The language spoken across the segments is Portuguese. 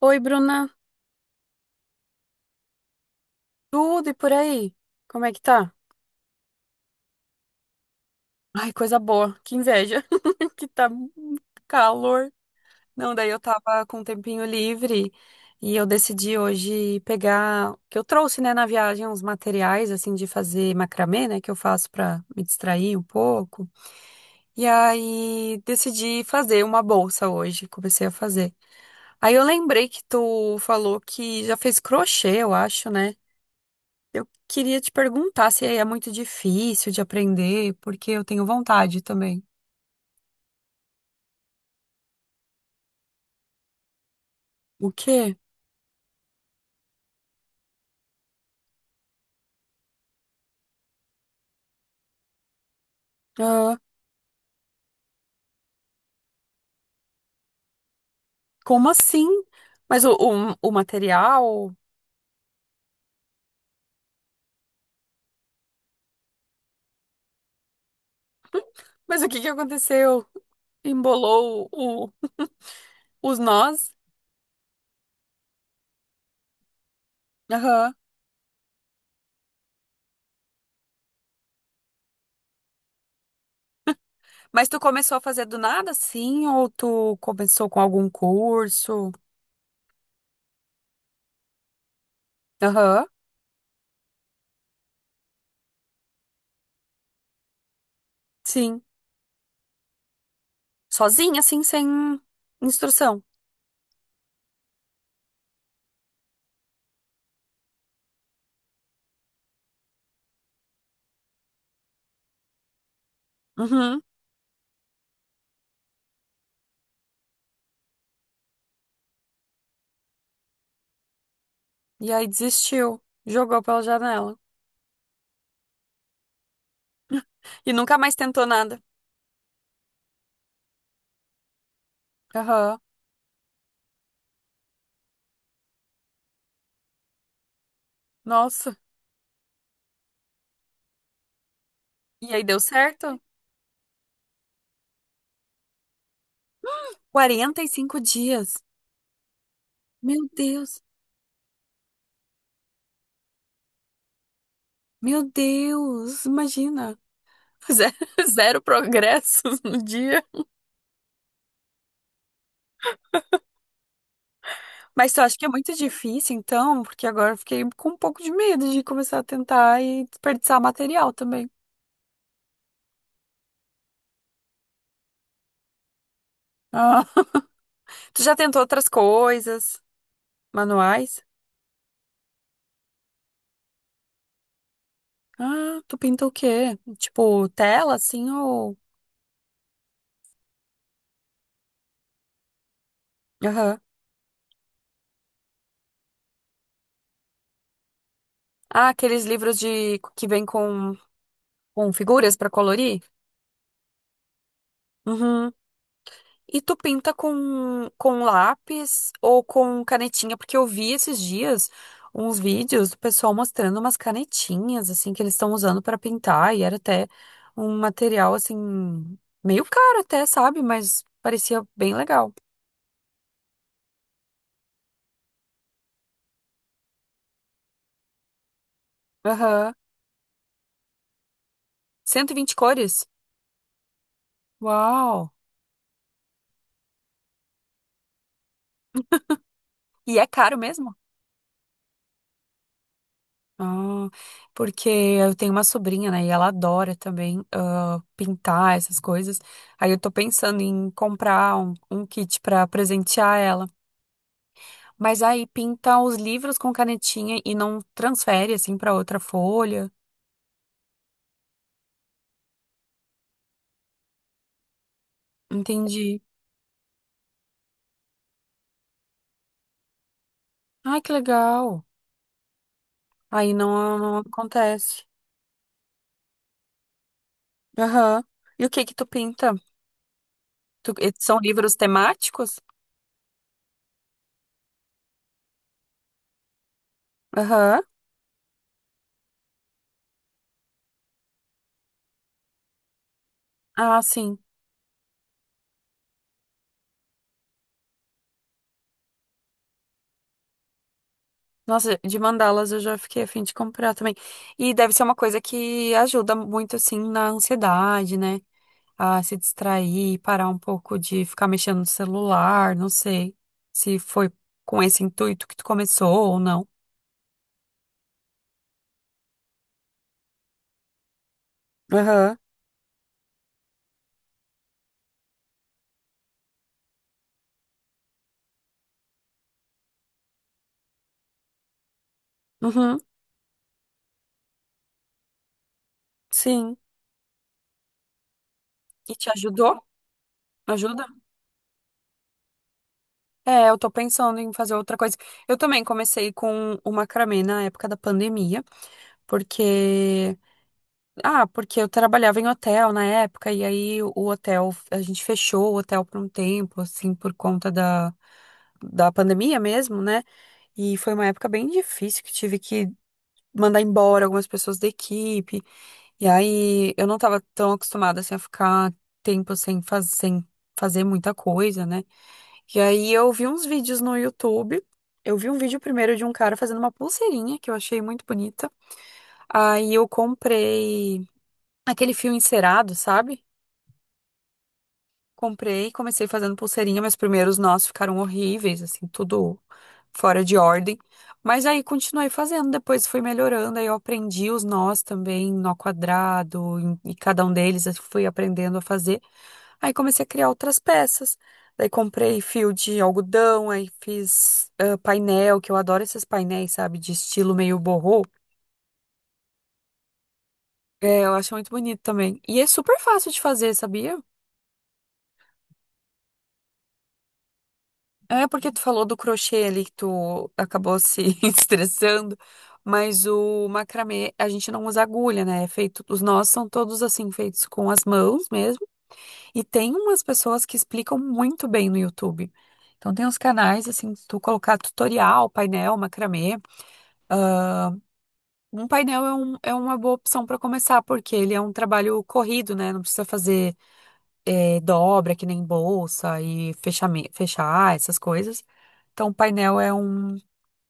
Oi, Bruna. Tudo e por aí? Como é que tá? Ai, coisa boa. Que inveja. Que tá um calor. Não, daí eu tava com um tempinho livre e eu decidi hoje pegar, que eu trouxe, né, na viagem uns materiais assim de fazer macramê, né, que eu faço pra me distrair um pouco. E aí decidi fazer uma bolsa hoje, comecei a fazer. Aí eu lembrei que tu falou que já fez crochê, eu acho, né? Eu queria te perguntar se é muito difícil de aprender, porque eu tenho vontade também. O quê? Ah, como assim? Mas o material? Mas o que que aconteceu? Embolou o, os nós? Aham. Mas tu começou a fazer do nada, sim? Ou tu começou com algum curso? Aham. Sim. Sozinha, assim, sem instrução. Uhum. E aí desistiu. Jogou pela janela. E nunca mais tentou nada. Aham. Nossa. E aí deu certo? 45 dias. Meu Deus, meu Deus, imagina. Ze- Zero progressos no dia. Mas eu acho que é muito difícil, então, porque agora eu fiquei com um pouco de medo de começar a tentar e desperdiçar material também. Ah, tu já tentou outras coisas, manuais? Ah, tu pinta o quê? Tipo, tela, assim, ou... Aham. Ah, aqueles livros de que vem com figuras pra colorir? Uhum. E tu pinta com lápis ou com canetinha? Porque eu vi esses dias uns vídeos do pessoal mostrando umas canetinhas, assim, que eles estão usando para pintar, e era até um material, assim, meio caro até, sabe? Mas parecia bem legal. Aham. 120 cores? Uau! E é caro mesmo? Ah, porque eu tenho uma sobrinha, né? E ela adora também pintar essas coisas. Aí eu tô pensando em comprar um kit pra presentear ela. Mas aí pinta os livros com canetinha e não transfere assim pra outra folha. Entendi. Ai, que legal. Aí não, não acontece. Aham. E o que que tu pinta? São livros temáticos? Aham. Ah, sim. Nossa, de mandalas eu já fiquei a fim de comprar também. E deve ser uma coisa que ajuda muito, assim, na ansiedade, né? A se distrair, parar um pouco de ficar mexendo no celular, não sei se foi com esse intuito que tu começou ou não. Aham. Uhum, sim. E te ajudou? Ajuda? É, eu tô pensando em fazer outra coisa. Eu também comecei com o macramê na época da pandemia, porque. Ah, porque eu trabalhava em hotel na época, e aí o hotel, a gente fechou o hotel por um tempo, assim, por conta da, da pandemia mesmo, né? E foi uma época bem difícil que tive que mandar embora algumas pessoas da equipe. E aí eu não tava tão acostumada, assim, a ficar tempo sem, sem fazer muita coisa, né? E aí eu vi uns vídeos no YouTube. Eu vi um vídeo primeiro de um cara fazendo uma pulseirinha que eu achei muito bonita. Aí eu comprei. Aquele fio encerado, sabe? Comprei, comecei fazendo pulseirinha, meus primeiros nós ficaram horríveis, assim, tudo fora de ordem. Mas aí continuei fazendo, depois fui melhorando, aí eu aprendi os nós também, nó quadrado, e cada um deles eu fui aprendendo a fazer. Aí comecei a criar outras peças. Daí comprei fio de algodão, aí fiz painel, que eu adoro esses painéis, sabe, de estilo meio boho. É, eu acho muito bonito também. E é super fácil de fazer, sabia? É porque tu falou do crochê ali que tu acabou se estressando, mas o macramê a gente não usa agulha, né? É feito, os nós são todos assim feitos com as mãos mesmo. E tem umas pessoas que explicam muito bem no YouTube. Então tem uns canais assim, se tu colocar tutorial, painel, macramê. Um painel é uma boa opção para começar, porque ele é um trabalho corrido, né? Não precisa fazer dobra que nem bolsa e fechar essas coisas. Então, o painel é um.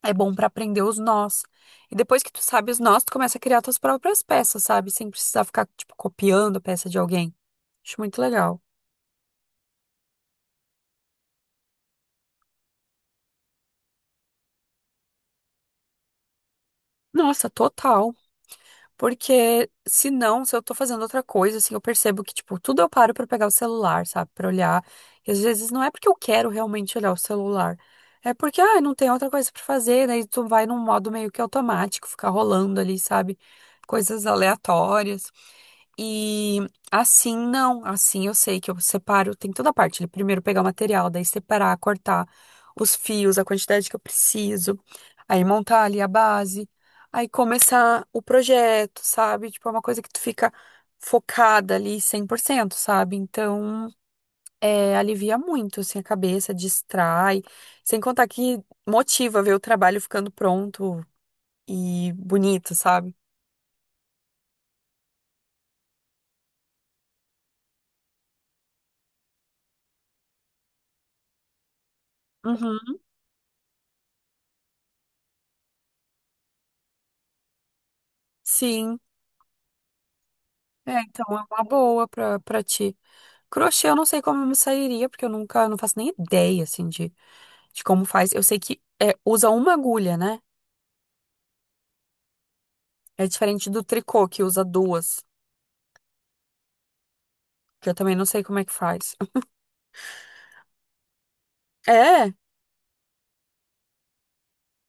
É bom pra aprender os nós. E depois que tu sabe os nós, tu começa a criar tuas próprias peças, sabe? Sem precisar ficar, tipo, copiando a peça de alguém. Acho muito legal. Nossa, total. Porque se não, se eu tô fazendo outra coisa, assim, eu percebo que, tipo, tudo eu paro pra pegar o celular, sabe? Pra olhar. E às vezes não é porque eu quero realmente olhar o celular. É porque, ah, não tem outra coisa pra fazer, daí tu vai num modo meio que automático, ficar rolando ali, sabe? Coisas aleatórias. E assim não, assim eu sei que eu separo, tem toda a parte, né? Primeiro pegar o material, daí separar, cortar os fios, a quantidade que eu preciso, aí montar ali a base, aí começar o projeto, sabe? Tipo, é uma coisa que tu fica focada ali 100%, sabe? Então, é, alivia muito, assim, a cabeça, distrai, sem contar que motiva ver o trabalho ficando pronto e bonito, sabe? Uhum. Sim. É, então é uma boa pra, pra ti. Crochê eu não sei como eu me sairia, porque eu nunca, não faço nem ideia, assim, de como faz. Eu sei que é, usa uma agulha, né? É diferente do tricô, que usa duas, que eu também não sei como é que faz. É,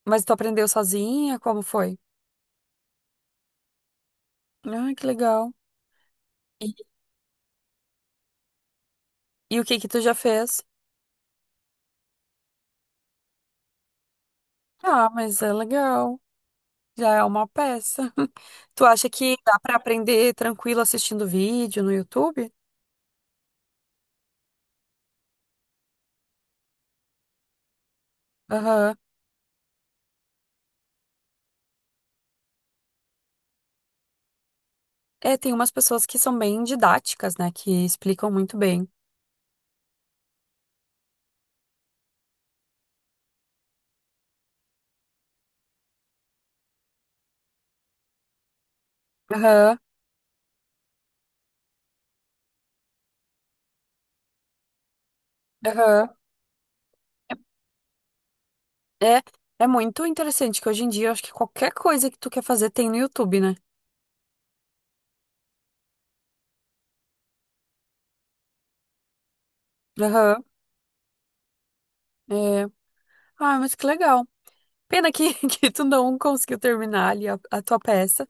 mas tu aprendeu sozinha? Como foi? Ah, que legal. E, e o que que tu já fez? Ah, mas é legal. Já é uma peça. Tu acha que dá pra aprender tranquilo assistindo vídeo no YouTube? Aham. É, tem umas pessoas que são bem didáticas, né? Que explicam muito bem. Aham, aham. É, é muito interessante que hoje em dia eu acho que qualquer coisa que tu quer fazer tem no YouTube, né? Aham, é. Ah, mas que legal. Pena que, que tu não conseguiu terminar ali a tua peça,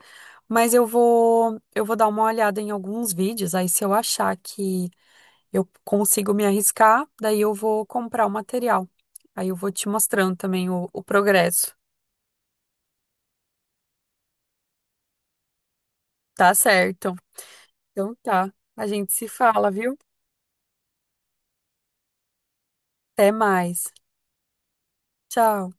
mas eu vou dar uma olhada em alguns vídeos, aí se eu achar que eu consigo me arriscar, daí eu vou comprar o material. Aí eu vou te mostrando também o progresso. Tá certo. Então tá. A gente se fala, viu? Até mais. Tchau.